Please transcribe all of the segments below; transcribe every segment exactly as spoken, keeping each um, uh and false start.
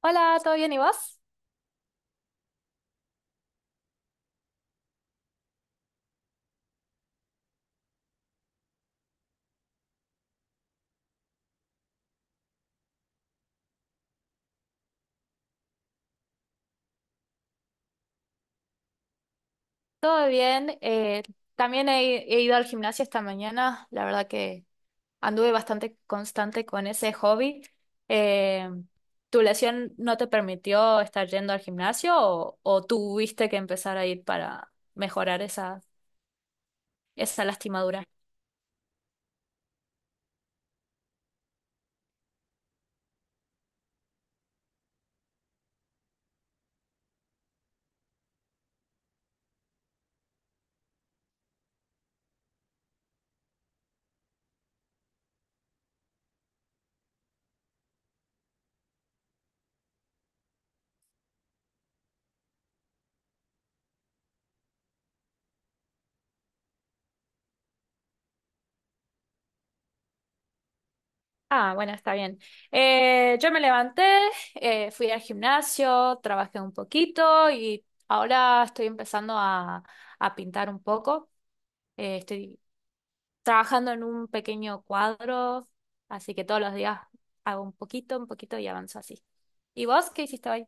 Hola, ¿todo bien y vos? Todo bien. eh, también he, he ido al gimnasio esta mañana. La verdad que anduve bastante constante con ese hobby. Eh, ¿tu lesión no te permitió estar yendo al gimnasio o, o tuviste que empezar a ir para mejorar esa, esa lastimadura? Ah, bueno, está bien. Eh, yo me levanté, eh, fui al gimnasio, trabajé un poquito y ahora estoy empezando a, a pintar un poco. Eh, estoy trabajando en un pequeño cuadro, así que todos los días hago un poquito, un poquito y avanzo así. ¿Y vos qué hiciste hoy?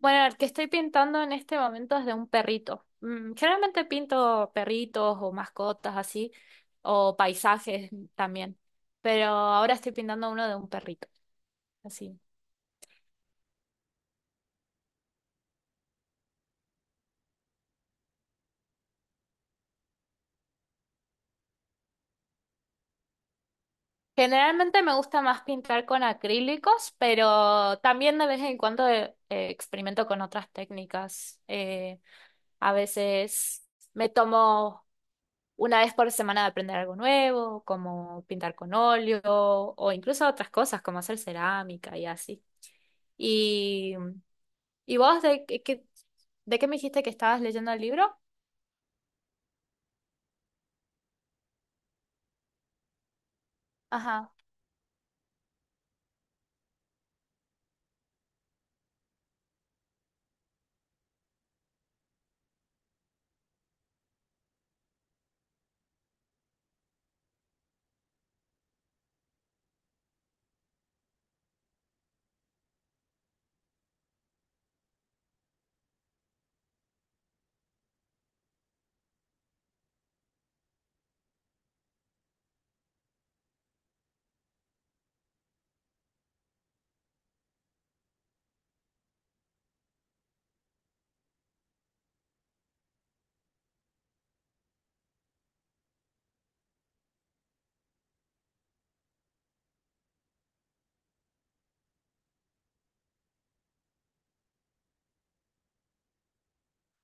Bueno, el que estoy pintando en este momento es de un perrito. Mm, generalmente pinto perritos o mascotas así, o paisajes también, pero ahora estoy pintando uno de un perrito, así. Generalmente me gusta más pintar con acrílicos, pero también de vez en cuando eh, eh, experimento con otras técnicas. Eh, a veces me tomo una vez por semana de aprender algo nuevo, como pintar con óleo o incluso otras cosas como hacer cerámica y así. ¿Y, y vos de, qué, qué- De qué me dijiste que estabas leyendo el libro? Ajá.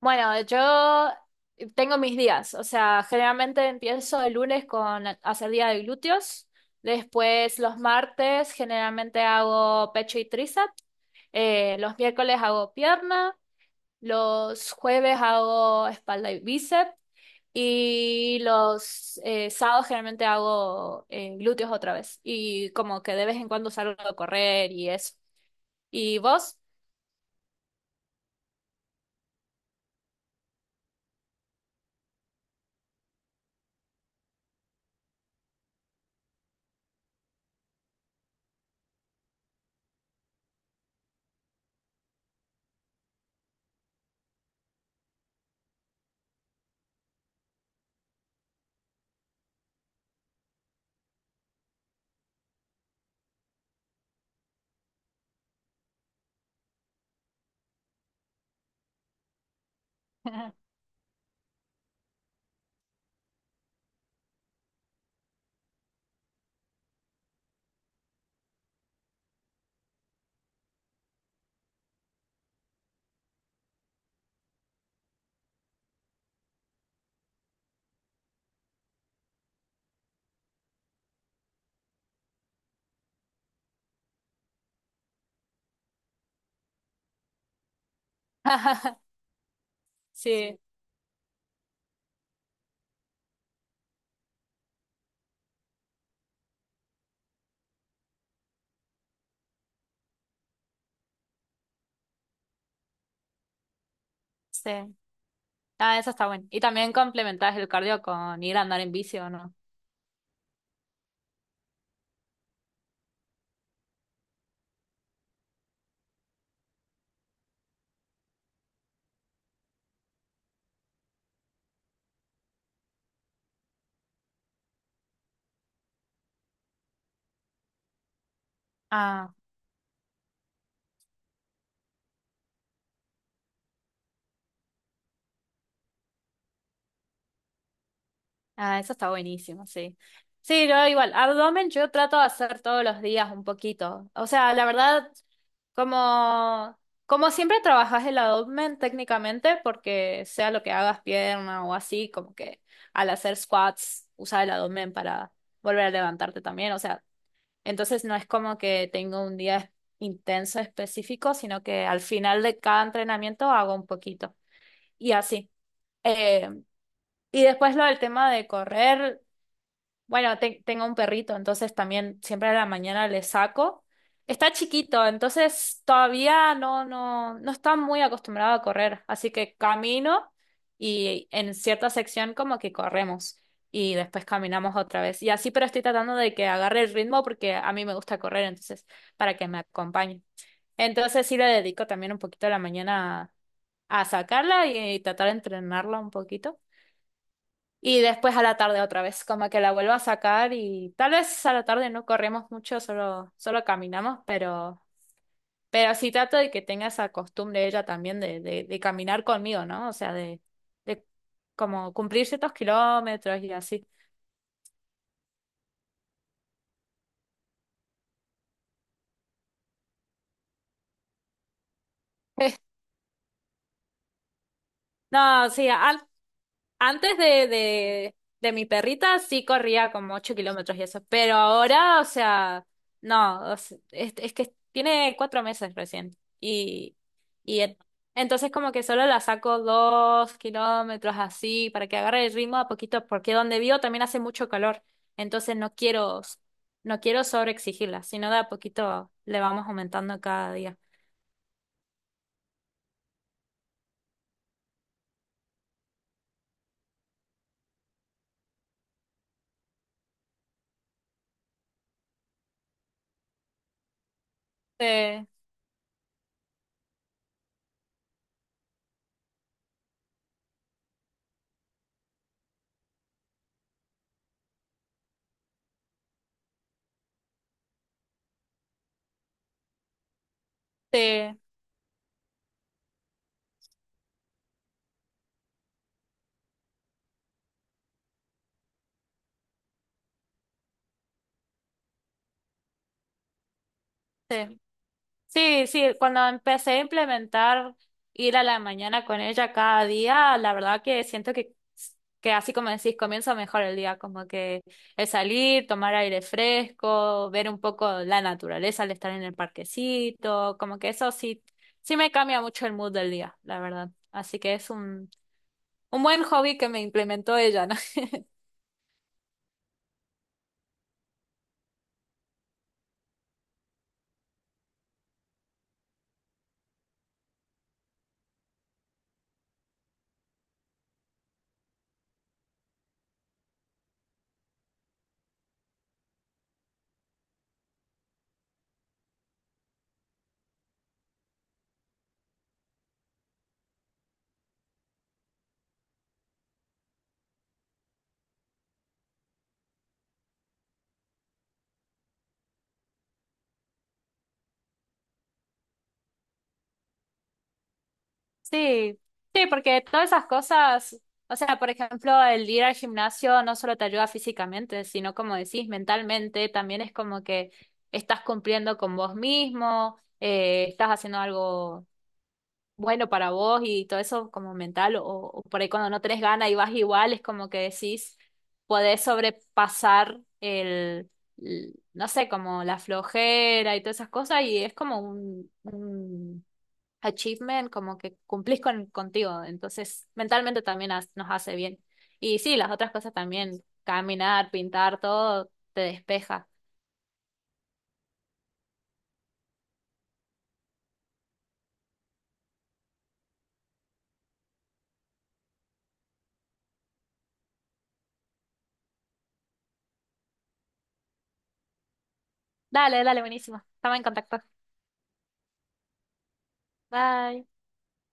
Bueno, yo tengo mis días, o sea, generalmente empiezo el lunes con hacer día de glúteos, después los martes generalmente hago pecho y tríceps, eh, los miércoles hago pierna, los jueves hago espalda y bíceps. Y los eh, sábados generalmente hago eh, glúteos otra vez. Y como que de vez en cuando salgo a correr y eso. ¿Y vos? Sí, sí. Ah, eso está bueno. Y también complementás el cardio con ir a andar en bici, ¿o no? Ah, eso está buenísimo, sí. Sí, yo igual, abdomen yo trato de hacer todos los días un poquito. O sea, la verdad, como, como siempre trabajas el abdomen técnicamente, porque sea lo que hagas pierna o así, como que al hacer squats usas el abdomen para volver a levantarte también. O sea, entonces no es como que tengo un día intenso específico, sino que al final de cada entrenamiento hago un poquito. Y así. Eh, y después lo del tema de correr. Bueno, te- tengo un perrito, entonces también siempre a la mañana le saco. Está chiquito, entonces todavía no, no, no está muy acostumbrado a correr, así que camino y en cierta sección como que corremos y después caminamos otra vez. Y así, pero estoy tratando de que agarre el ritmo porque a mí me gusta correr, entonces para que me acompañe. Entonces sí le dedico también un poquito a la mañana a, a sacarla y tratar de entrenarla un poquito. Y después a la tarde otra vez, como que la vuelvo a sacar y tal vez a la tarde no corremos mucho, solo, solo caminamos, pero, pero sí trato de que tenga esa costumbre ella también de, de, de caminar conmigo, ¿no? O sea, de, de como cumplir ciertos kilómetros y así. No, sí, antes Antes de, de, de mi perrita sí corría como ocho kilómetros y eso, pero ahora, o sea, no, o se- es, es que tiene cuatro meses recién y, y en- entonces como que solo la saco dos kilómetros así para que agarre el ritmo a poquito, porque donde vivo también hace mucho calor, entonces no quiero, no quiero sobreexigirla, sino de a poquito le vamos aumentando cada día. Sí, sí, sí. Sí, sí, cuando empecé a implementar ir a la mañana con ella cada día, la verdad que siento que, que así como decís, comienza mejor el día, como que el salir, tomar aire fresco, ver un poco la naturaleza al estar en el parquecito, como que eso sí, sí me cambia mucho el mood del día, la verdad. Así que es un, un buen hobby que me implementó ella, ¿no? Sí, sí, porque todas esas cosas, o sea, por ejemplo, el ir al gimnasio no solo te ayuda físicamente, sino como decís, mentalmente, también es como que estás cumpliendo con vos mismo, eh, estás haciendo algo bueno para vos y todo eso como mental, o, o por ahí cuando no tenés ganas y vas igual, es como que decís, podés sobrepasar el, l- no sé, como la flojera y todas esas cosas, y es como un, un achievement, como que cumplís con, contigo, entonces mentalmente también has- nos hace bien. Y sí, las otras cosas también, caminar, pintar, todo te despeja. Dale, dale, buenísimo. Estamos en contacto. Bye.